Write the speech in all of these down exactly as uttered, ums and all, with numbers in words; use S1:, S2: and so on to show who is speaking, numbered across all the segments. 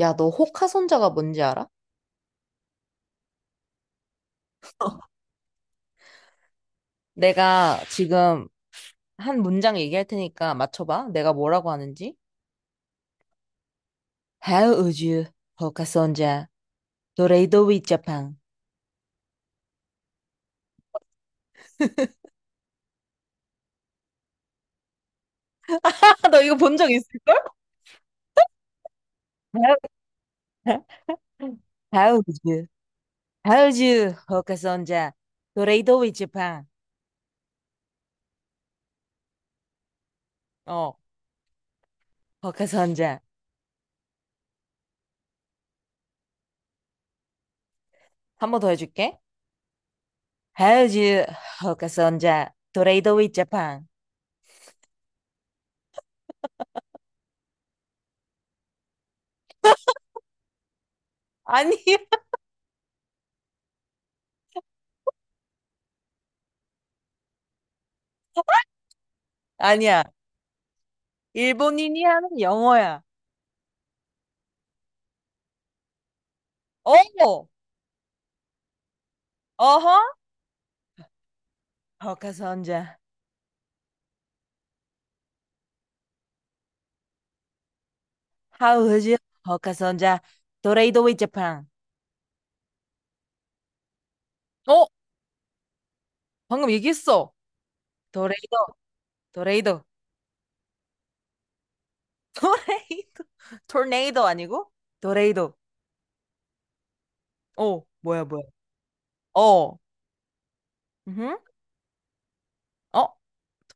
S1: 야, 너 호카손자가 뭔지 알아? 내가 지금 한 문장 얘기할 테니까 맞춰봐. 내가 뭐라고 하는지. How would you, 호카손자, 도레이도 위자팡. 너 이거 본 적 있을걸? How would you, how would you, 호카손자, 도레이도 위자팡. 어, 호카손자. 한 번 더 해줄게. How would you, 호카손자, 도레이도 위자팡. 아니야, 아니야. 일본인이 하는 영어야. 어, 어허. 호카선자. How you? 호카선자, 도레이도 p 자 n. 어? 방금 얘기했어. 도레이도, 도레이도. 도레이도, 토네이도 아니고 도레이도. 어, 뭐야 뭐야. 어, 음, 어,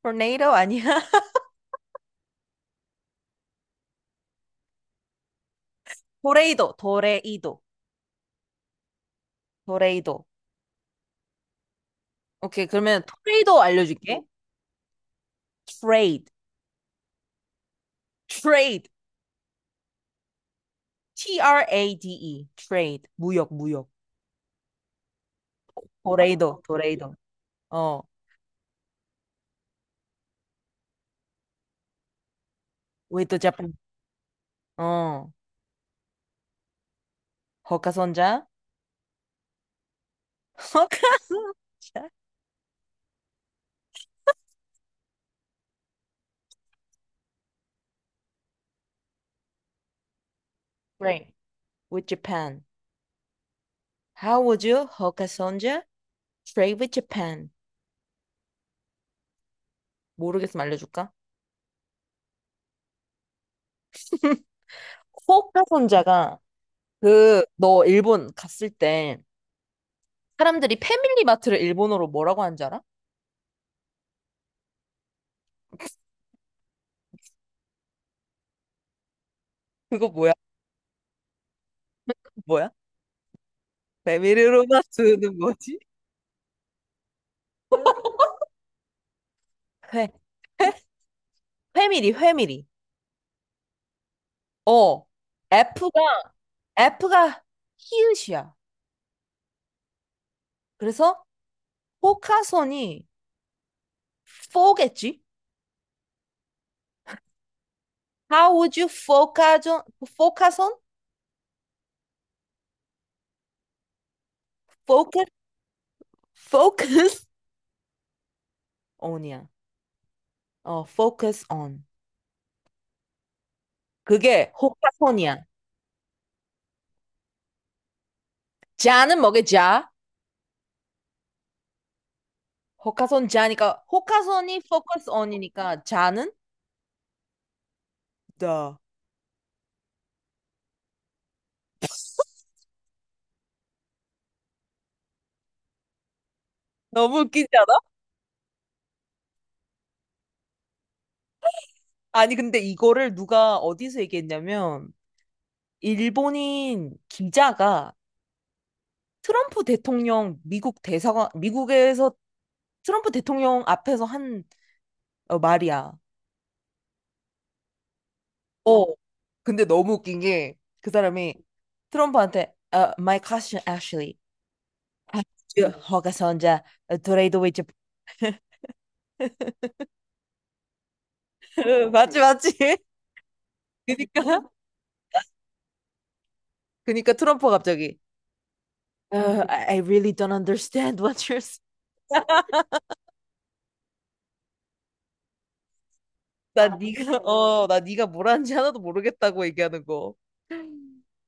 S1: 토네이도 아니야. 도레이도 도레이도 도레이도. 오케이. 그러면 토레이더 알려줄게. Trade. 트레이드. T-R-A-D-E, T R A D E. Trade. 무역 무역. 도레이도 도레이도. 어, a p 자 n. 어. 호카선자. Hokkaido. Train with Japan. How would you 호카손자 trade with Japan? 모르겠으면 알려줄까? 호카손자가, 그, 너 일본 갔을 때 사람들이 패밀리 마트를 일본어로 뭐라고 하는 줄 알아? 그거 뭐야? 뭐야? 패밀리로마트는 뭐지? 회. 회? 회밀리회밀리. 어. F가, F가 히읗이야. 그래서 호카손이 포겠지? How would you focus on, focus on, focus, focus on이야. 어, focus on. 그게 호카손이야. 자는 뭐게 자? 호카손 자니까 호카손이 focus on이니까 자는 the. 너무 웃기지 않아? 아니 근데 이거를 누가 어디서 얘기했냐면 일본인 기자가 트럼프 대통령, 미국 대사관, 미국에서 트럼프 대통령 앞에서 한, 어, 말이야. 어. 근데 너무 웃긴 게 그 사람이 트럼프한테 어 My question actually 아주 허가선자 트레이드 위치. 맞지 맞지. 그니까, 그니까 트럼프가 갑자기 "Uh, I I really don't understand what you're saying." 나 네가 어나 네가 뭘 하는지 하나도 모르겠다고 얘기하는 거.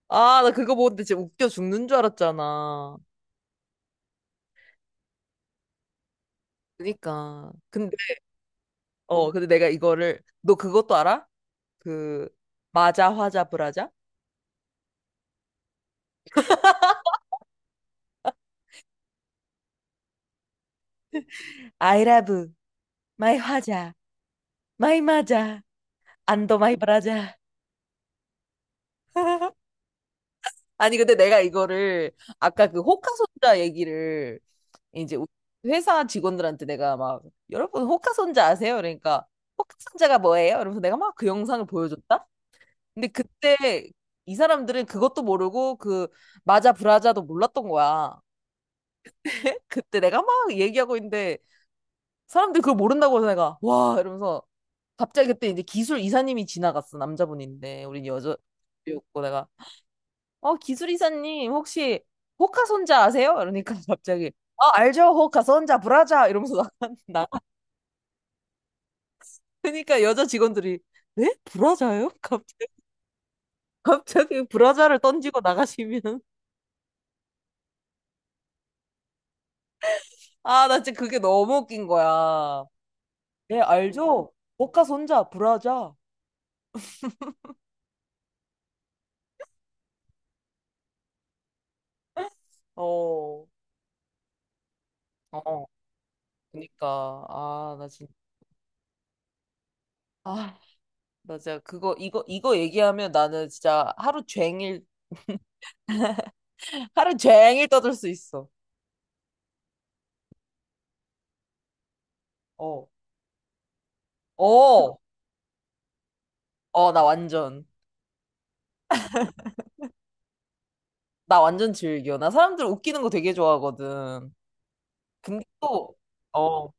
S1: 아, 나 그거 보는데 진짜 웃겨 죽는 줄 알았잖아. 그니까 근데, 어, 근데 내가 이거를, 너 그것도 알아? 그 마자 화자 브라자. 아이라브 마이 화자, 마이 마자, 안도 마이 브라자. 아니, 근데 내가 이거를, 아까 그 호카손자 얘기를, 이제 우리 회사 직원들한테 내가 막 여러분 호카손자 아세요? 그러니까 호카손자가 뭐예요? 이러면서 내가 막 그 영상을 보여줬다. 근데 그때 이 사람들은 그것도 모르고 그 마자 브라자도 몰랐던 거야. 그때 내가 막 얘기하고 있는데 사람들이 그걸 모른다고 해서 내가 와 이러면서 갑자기 그때 이제 기술 이사님이 지나갔어. 남자분인데 우린 여자였고 내가 어, 기술 이사님 혹시 호카손자 아세요? 이러니까 갑자기 아 알죠 호카손자 브라자 이러면서 나간 나. 러니까 여자 직원들이 네? 브라자요? 갑자기 갑자기 브라자를 던지고 나가시면. 아 나 진짜 그게 너무 웃긴 거야. 네 알죠 호카손자 브라자. 어, 어, 그니까, 아, 나 진짜, 아. 맞아. 그거, 이거, 이거 얘기하면 나는 진짜 하루 종일, 하루 종일 떠들 수 있어. 어. 어. 어, 나 완전, 나 완전 즐겨. 나 사람들 웃기는 거 되게 좋아하거든. 근데 또, 어,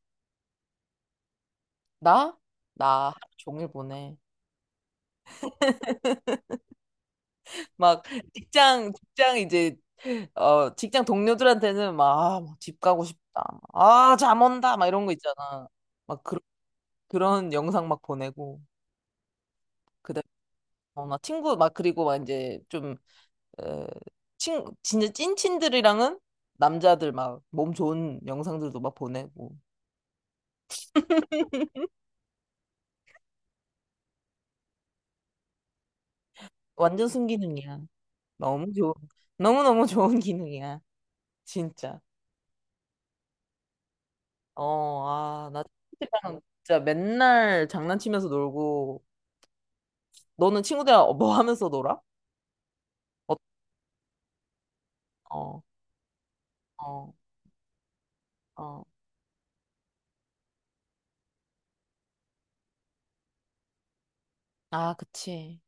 S1: 나? 나 하루 종일 보내. 막, 직장, 직장 이제, 어, 직장 동료들한테는 막, 아, 막집 가고 싶다. 아, 잠 온다. 막 이런 거 있잖아. 막, 그, 그런 영상 막 보내고. 그다음에 어, 나 친구 막, 그리고 막 이제 좀, 에, 친, 진짜 찐친들이랑은 남자들 막 몸 좋은 영상들도 막 보내고. 완전 순기능이야. 너무 좋은, 너무너무 좋은 기능이야. 진짜. 어, 아, 나 친구들이랑 진짜 맨날 장난치면서 놀고, 너는 친구들이랑 어, 뭐 하면서 놀아? 어, 어, 어. 어. 아, 그치.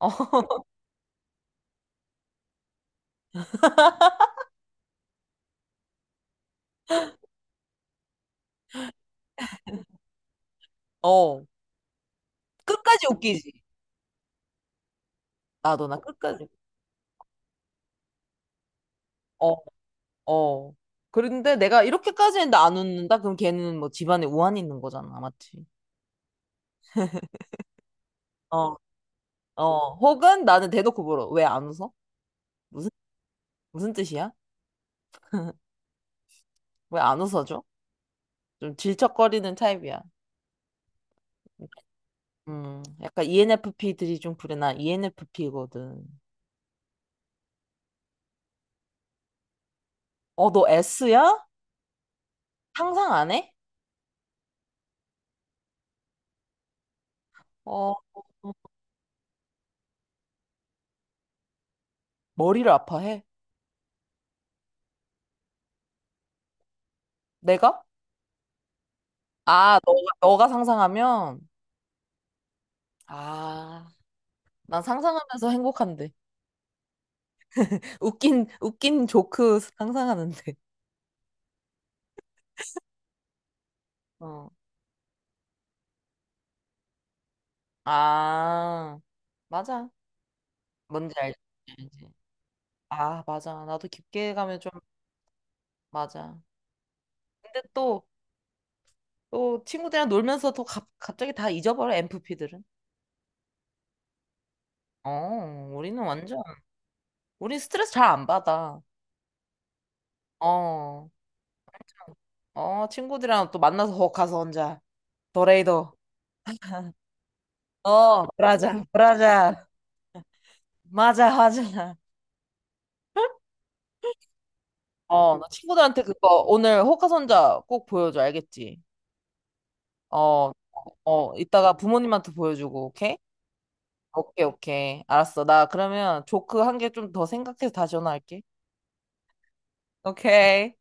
S1: 어, 어. 끝까지 웃기지. 나도 나 끝까지. 어. 어. 그런데 내가 이렇게까지 했는데 안 웃는다? 그럼 걔는 뭐 집안에 우환이 있는 거잖아. 맞지? 어. 어. 혹은 나는 대놓고 물어. 왜 안 웃어? 무슨, 무슨 뜻이야? 왜 안 웃어줘? 좀 질척거리는 타입이야. 음. 약간 엔에프피들이 좀 그래. 나 엔에프피거든. 어, 너 S야? 상상 안 해? 어, 머리를 아파해. 내가? 아, 너가, 너가 상상하면? 아, 난 상상하면서 행복한데. 웃긴, 웃긴 조크 상상하는데. 어. 아, 맞아. 뭔지 알지? 알지. 아, 맞아. 나도 깊게 가면 좀, 맞아. 근데 또, 또 친구들이랑 놀면서 또 갑, 갑자기 다 잊어버려, m 프피들은. 어, 우리는 완전, 우린 스트레스 잘 안 받아. 어, 어, 친구들이랑 또 만나서 거 가서 혼자. 도레이도. 어, 브라자, 브라자. 맞아, 맞아. 어, 나 친구들한테 그거 오늘 호카손자 꼭 보여줘, 알겠지? 어, 어, 이따가 부모님한테 보여주고, 오케이? 오케이, 오케이. 알았어. 나 그러면 조크 한 개 좀 더 생각해서 다시 전화할게. 오케이.